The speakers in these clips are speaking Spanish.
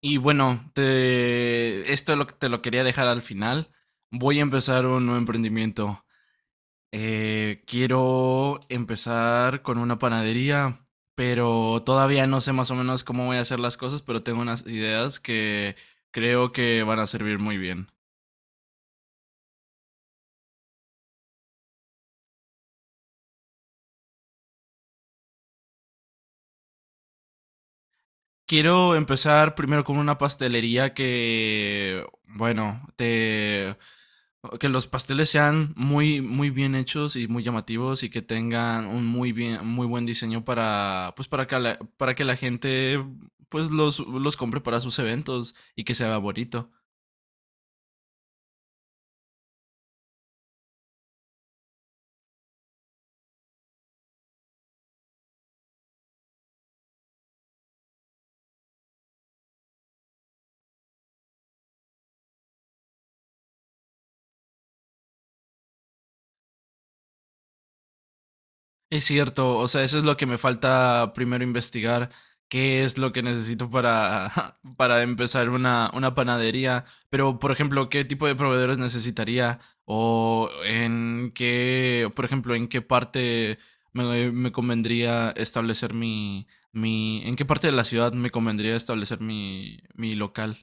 Y bueno, esto te lo quería dejar al final. Voy a empezar un nuevo emprendimiento. Quiero empezar con una panadería, pero todavía no sé más o menos cómo voy a hacer las cosas, pero tengo unas ideas que creo que van a servir muy bien. Quiero empezar primero con una pastelería que, que los pasteles sean muy, muy bien hechos y muy llamativos y que tengan un muy buen diseño para, pues para para que la gente, pues los compre para sus eventos y que sea bonito. Es cierto, o sea, eso es lo que me falta primero investigar, qué es lo que necesito para, para empezar una panadería, pero por ejemplo, qué tipo de proveedores necesitaría o por ejemplo, en qué parte me convendría establecer en qué parte de la ciudad me convendría establecer mi local.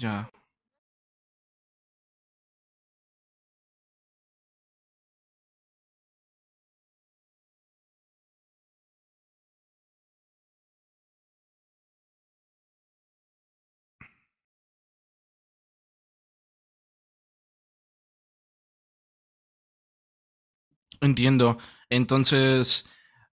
Ya. Entiendo. Entonces,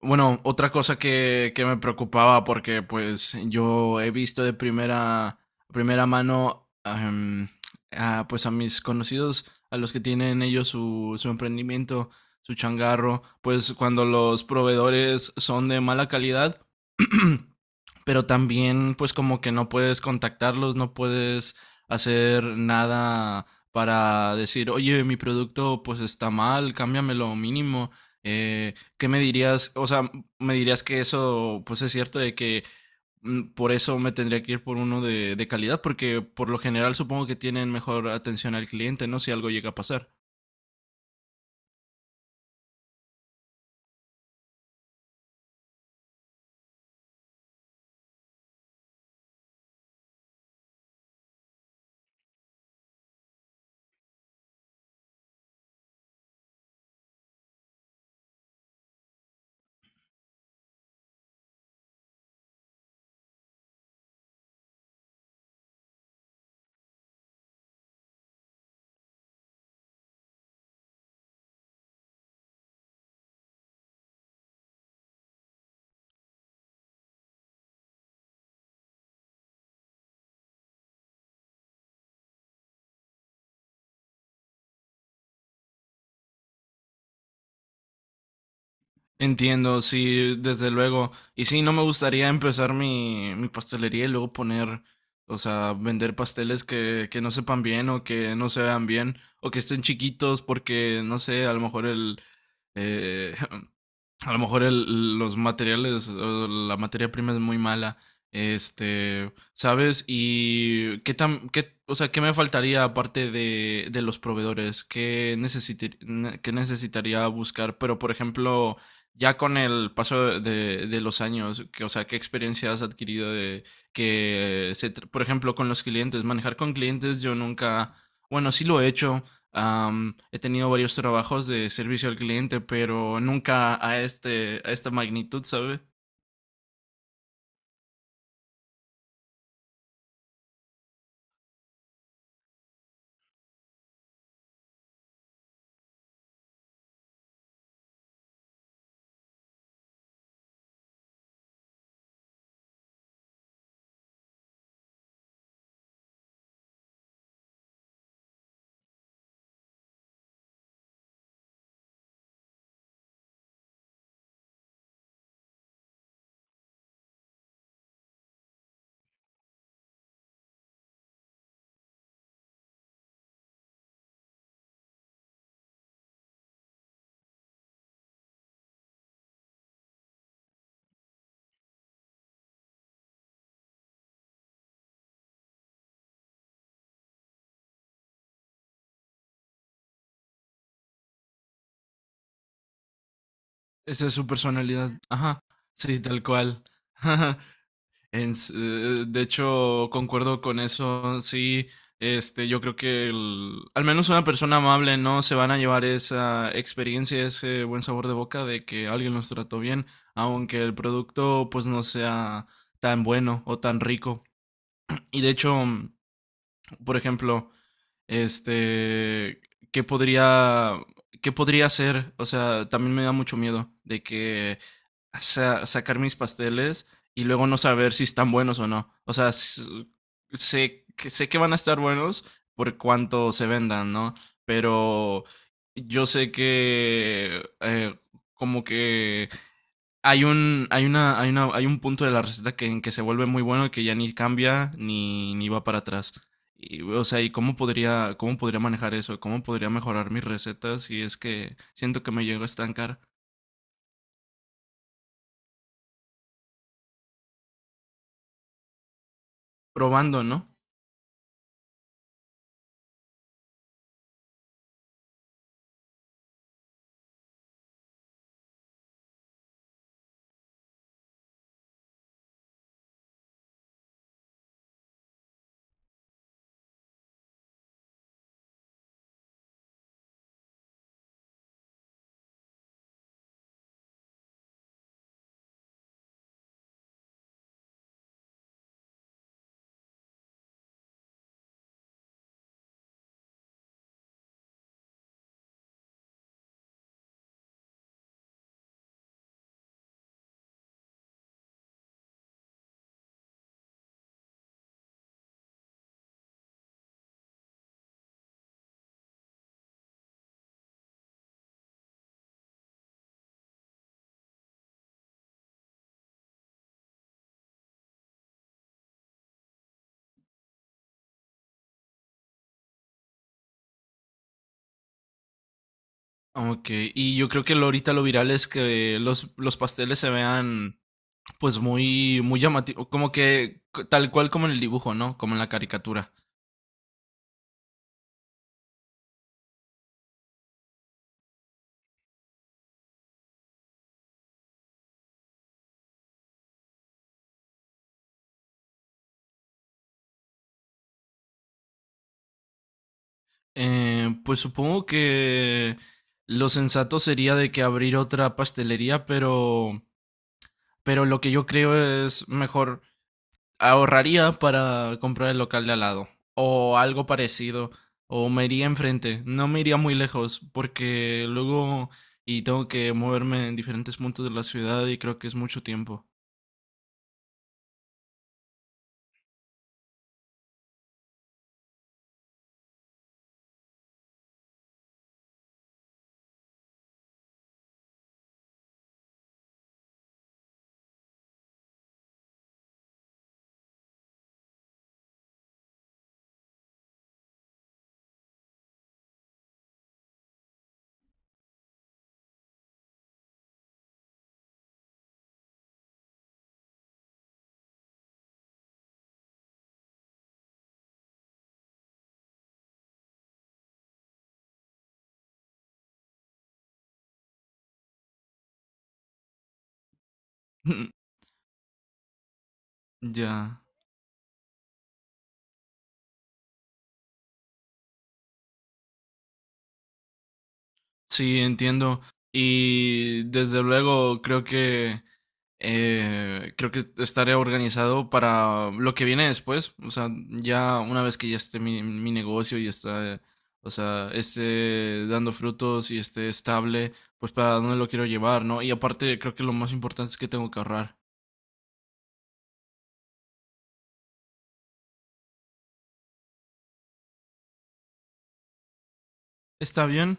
bueno, otra cosa que me preocupaba porque pues yo he visto de primera mano a, pues a mis conocidos, a los que tienen ellos su emprendimiento, su changarro, pues cuando los proveedores son de mala calidad, pero también pues como que no puedes contactarlos, no puedes hacer nada para decir, oye, mi producto pues está mal, cámbiamelo mínimo. ¿Qué me dirías? O sea, me dirías que eso pues es cierto de que por eso me tendría que ir por uno de calidad, porque por lo general supongo que tienen mejor atención al cliente, ¿no? Si algo llega a pasar. Entiendo, sí, desde luego. Y sí, no me gustaría empezar mi pastelería y luego poner, o sea, vender pasteles que no sepan bien o que no se vean bien o que estén chiquitos porque, no sé, a lo mejor eh, a lo mejor los materiales, o la materia prima es muy mala, este, ¿sabes? Y o sea, qué me faltaría aparte de los proveedores, qué necesitaría buscar, pero por ejemplo, ya con el paso de los años, que, o sea, qué experiencia has adquirido de por ejemplo, con los clientes, manejar con clientes, yo nunca, bueno, sí lo he hecho. He tenido varios trabajos de servicio al cliente, pero nunca a este, a esta magnitud, ¿sabe? Esa es su personalidad. Ajá, sí, tal cual. De hecho, concuerdo con eso. Sí, este, yo creo que al menos una persona amable, no se van a llevar esa experiencia, ese buen sabor de boca de que alguien los trató bien, aunque el producto pues no sea tan bueno o tan rico. Y de hecho, por ejemplo, este, ¿qué podría, ¿qué podría hacer? O sea, también me da mucho miedo de que sacar mis pasteles y luego no saber si están buenos o no. O sea, sé que van a estar buenos por cuánto se vendan, ¿no? Pero yo sé que como que hay un, hay una, hay una, hay un punto de la receta en que se vuelve muy bueno y que ya ni cambia ni va para atrás. Y, o sea, ¿y cómo podría manejar eso? ¿Cómo podría mejorar mis recetas si es que siento que me llego a estancar probando, ¿no? Ok, y yo creo que lo, ahorita lo viral es que los pasteles se vean pues muy, muy llamativos, como que tal cual como en el dibujo, ¿no? Como en la caricatura. Pues supongo que lo sensato sería de que abrir otra pastelería, pero lo que yo creo es mejor, ahorraría para comprar el local de al lado o algo parecido o me iría enfrente, no me iría muy lejos porque luego y tengo que moverme en diferentes puntos de la ciudad y creo que es mucho tiempo. Ya. Sí, entiendo. Y desde luego creo que estaré organizado para lo que viene después. O sea, ya una vez que ya esté mi negocio y está, o sea, esté dando frutos y esté estable, pues para dónde lo quiero llevar, ¿no? Y aparte creo que lo más importante es que tengo que ahorrar. Está bien.